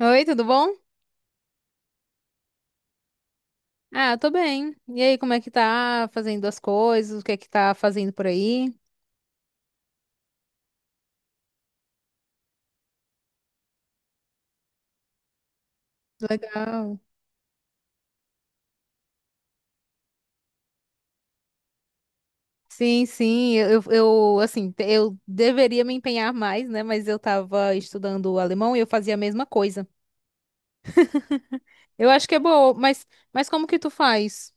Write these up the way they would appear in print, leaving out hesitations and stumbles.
Oi, tudo bom? Ah, tô bem. E aí, como é que tá fazendo as coisas? O que é que tá fazendo por aí? Legal. Sim, sim, eu assim, eu deveria me empenhar mais, né? Mas eu tava estudando alemão e eu fazia a mesma coisa. Eu acho que é boa, mas, como que tu faz?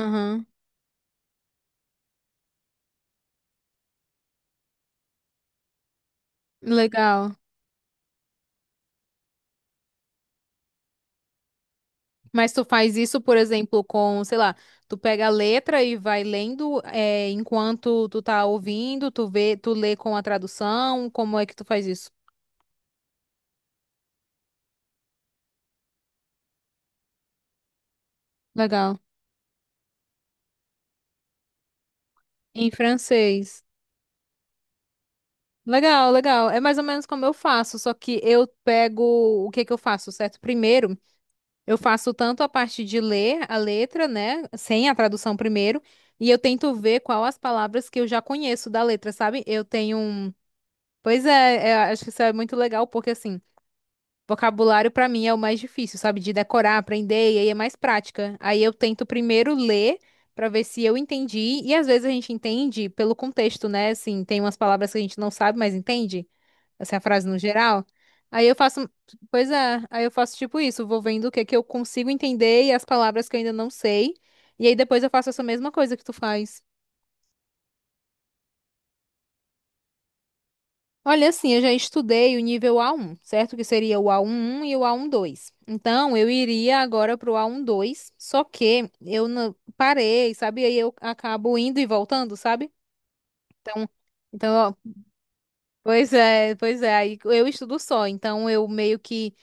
Aham, legal. Mas tu faz isso, por exemplo, com, sei lá, tu pega a letra e vai lendo, é, enquanto tu tá ouvindo, tu vê, tu lê com a tradução, como é que tu faz isso? Legal. Em francês. Legal, legal. É mais ou menos como eu faço, só que eu pego, o que que eu faço, certo? Primeiro, eu faço tanto a parte de ler a letra, né, sem a tradução primeiro, e eu tento ver qual as palavras que eu já conheço da letra, sabe? Eu tenho um... Pois é, é, acho que isso é muito legal, porque assim, vocabulário pra mim é o mais difícil, sabe? De decorar, aprender, e aí é mais prática. Aí eu tento primeiro ler pra ver se eu entendi, e às vezes a gente entende pelo contexto, né? Assim, tem umas palavras que a gente não sabe, mas entende, essa é a frase no geral. Aí eu faço, pois é, aí eu faço tipo isso, vou vendo o que é que eu consigo entender e as palavras que eu ainda não sei, e aí depois eu faço essa mesma coisa que tu faz. Olha, assim, eu já estudei o nível A1, certo? Que seria o A11 e o A12. Então, eu iria agora pro A12, só que eu não parei, sabe? Aí eu acabo indo e voltando, sabe? Então, então, ó, pois é, aí eu estudo só, então eu meio que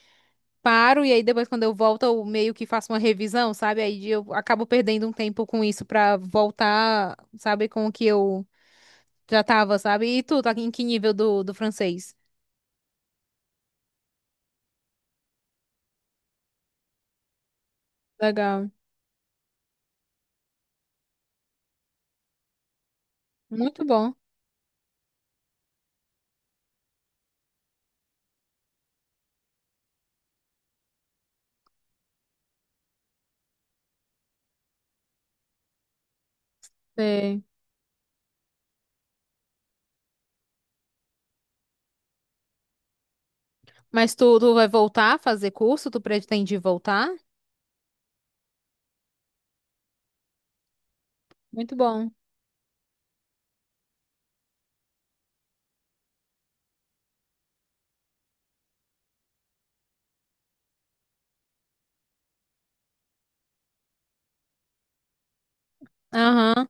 paro e aí depois quando eu volto eu meio que faço uma revisão, sabe? Aí eu acabo perdendo um tempo com isso pra voltar, sabe, com o que eu já tava, sabe? E tu, tá em que nível do, do francês? Legal. Muito bom. Sei. Mas tu, tu vai voltar a fazer curso? Tu pretende voltar? Muito bom. Aham.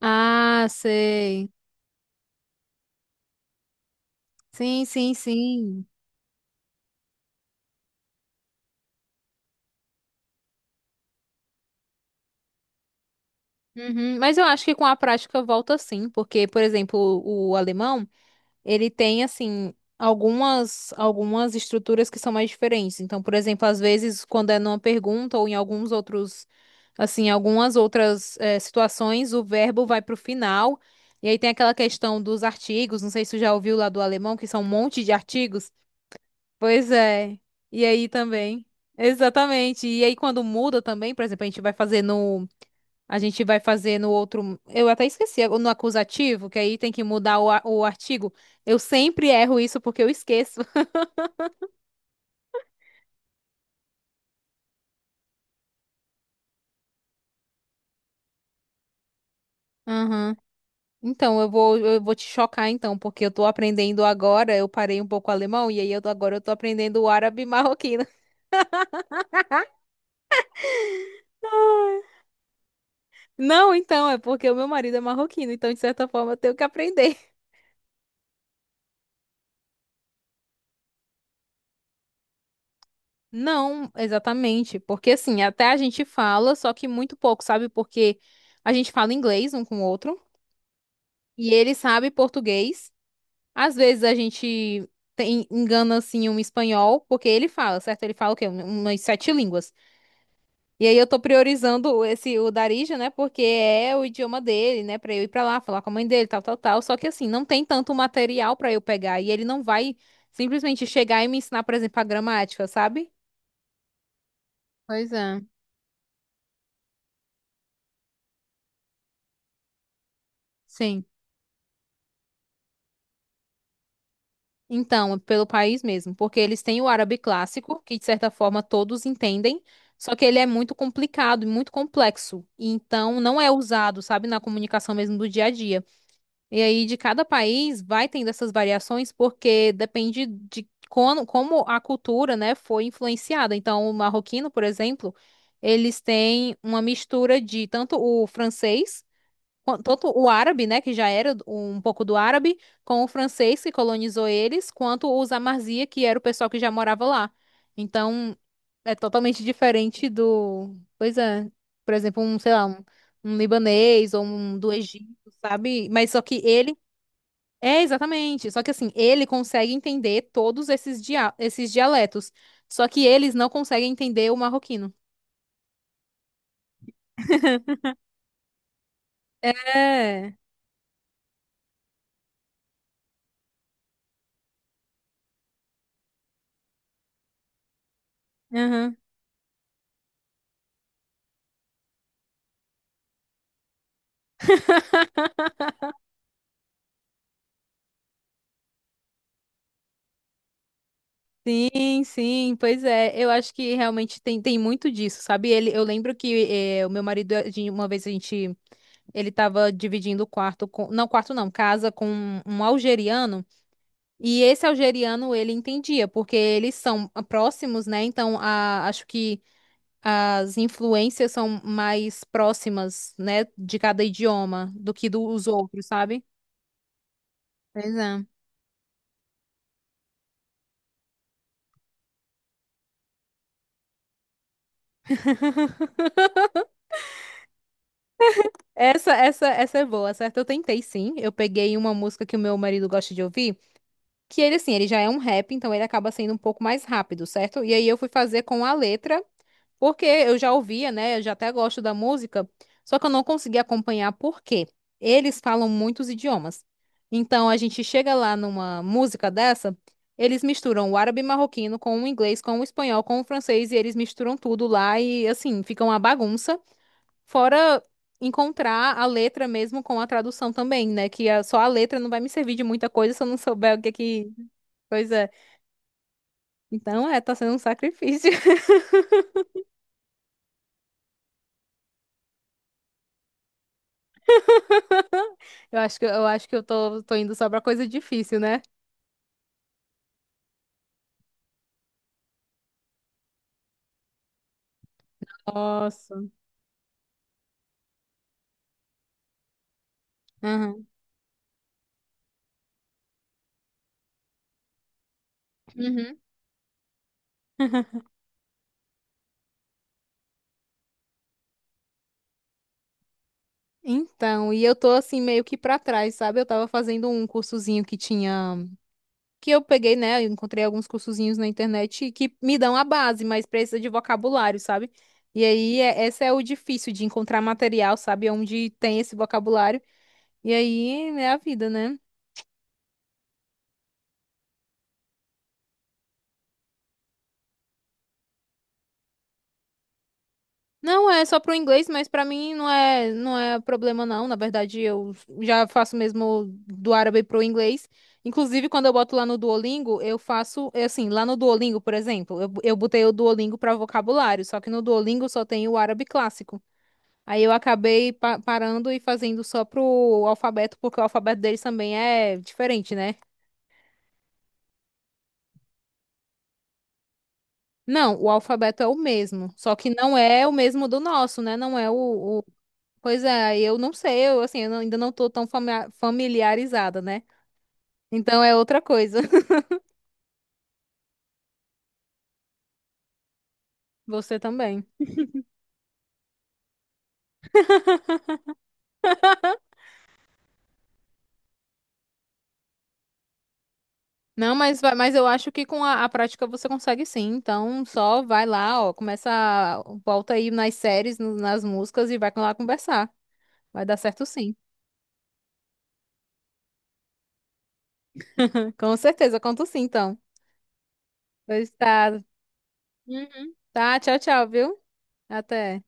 Ah, sei. Sim, sim, sim. Uhum. Mas eu acho que com a prática volta sim, porque, por exemplo, o alemão, ele tem assim algumas estruturas que são mais diferentes. Então, por exemplo, às vezes quando é numa pergunta ou em alguns outros assim, algumas outras situações, o verbo vai para o final. E aí tem aquela questão dos artigos, não sei se tu já ouviu lá do alemão, que são um monte de artigos. Pois é. E aí também. Exatamente. E aí quando muda também, por exemplo, a gente vai fazer no outro. Eu até esqueci, é no acusativo, que aí tem que mudar o artigo. Eu sempre erro isso porque eu esqueço. Aham. Então, eu vou te chocar, então, porque eu tô aprendendo agora. Eu parei um pouco o alemão e aí agora eu tô aprendendo o árabe marroquino. Ai. Não, então, é porque o meu marido é marroquino, então, de certa forma, eu tenho que aprender. Não, exatamente. Porque, assim, até a gente fala, só que muito pouco, sabe? Porque a gente fala inglês um com o outro e ele sabe português. Às vezes a gente engana assim um espanhol, porque ele fala, certo? Ele fala o quê? Umas sete línguas. E aí eu tô priorizando esse o Darija, né? Porque é o idioma dele, né? Pra eu ir pra lá, falar com a mãe dele, tal, tal, tal. Só que assim, não tem tanto material pra eu pegar. E ele não vai simplesmente chegar e me ensinar, por exemplo, a gramática, sabe? Pois é, sim. Então, pelo país mesmo, porque eles têm o árabe clássico, que de certa forma todos entendem, só que ele é muito complicado e muito complexo, e então não é usado, sabe, na comunicação mesmo do dia a dia. E aí de cada país vai tendo essas variações, porque depende de como, como a cultura, né, foi influenciada. Então, o marroquino, por exemplo, eles têm uma mistura de tanto o francês, tanto o árabe, né, que já era um pouco do árabe, com o francês que colonizou eles, quanto os Amazia, que era o pessoal que já morava lá. Então, é totalmente diferente do, pois é, por exemplo, um, sei lá, um libanês ou um do Egito, sabe? Mas só que ele, é exatamente, só que assim, ele consegue entender todos esses dia, esses dialetos, só que eles não conseguem entender o marroquino. É. Aham. Sim, sim, pois é. Eu acho que realmente tem muito disso, sabe? Ele, eu lembro que o meu marido, uma vez a gente, ele tava dividindo o quarto com, não, quarto não, casa com um algeriano, e esse algeriano ele entendia, porque eles são próximos, né? Então, a, acho que as influências são mais próximas, né, de cada idioma do que dos outros, sabe? Pois é. Essa é boa, certo? Eu tentei sim. Eu peguei uma música que o meu marido gosta de ouvir, que ele, assim, ele já é um rap, então ele acaba sendo um pouco mais rápido, certo? E aí eu fui fazer com a letra, porque eu já ouvia, né? Eu já até gosto da música, só que eu não consegui acompanhar porque eles falam muitos idiomas. Então a gente chega lá numa música dessa, eles misturam o árabe marroquino com o inglês, com o espanhol, com o francês, e eles misturam tudo lá e, assim, fica uma bagunça. Fora encontrar a letra mesmo com a tradução também, né? Que só a letra não vai me servir de muita coisa se eu não souber o que é que coisa é. Então, é, tá sendo um sacrifício. Eu acho que eu tô, tô indo só pra coisa difícil, né? Nossa. Aham. Uhum. Então, e eu tô assim meio que pra trás, sabe? Eu tava fazendo um cursozinho que tinha que eu peguei, né? eu Encontrei alguns cursozinhos na internet que me dão a base, mas precisa de vocabulário, sabe? E aí, é, esse é o difícil de encontrar material, sabe? É onde tem esse vocabulário. E aí é a vida, né? Não é só pro inglês, mas pra mim não é, não é problema, não. Na verdade, eu já faço mesmo do árabe pro inglês. Inclusive, quando eu boto lá no Duolingo, eu faço, é assim, lá no Duolingo, por exemplo, eu botei o Duolingo pra vocabulário, só que no Duolingo só tem o árabe clássico. Aí eu acabei parando e fazendo só pro alfabeto, porque o alfabeto deles também é diferente, né? Não, o alfabeto é o mesmo, só que não é o mesmo do nosso, né? Não é o... Pois é, eu não sei, eu assim, eu não- ainda não tô tão familiarizada, né? Então é outra coisa. Você também. Não, mas, mas eu acho que com a prática você consegue sim. Então só vai lá, ó, começa, volta aí nas séries, nas músicas e vai lá conversar. Vai dar certo sim. Com certeza, conto sim, então. Do estado. Uhum. Tá, tchau, tchau, viu? Até.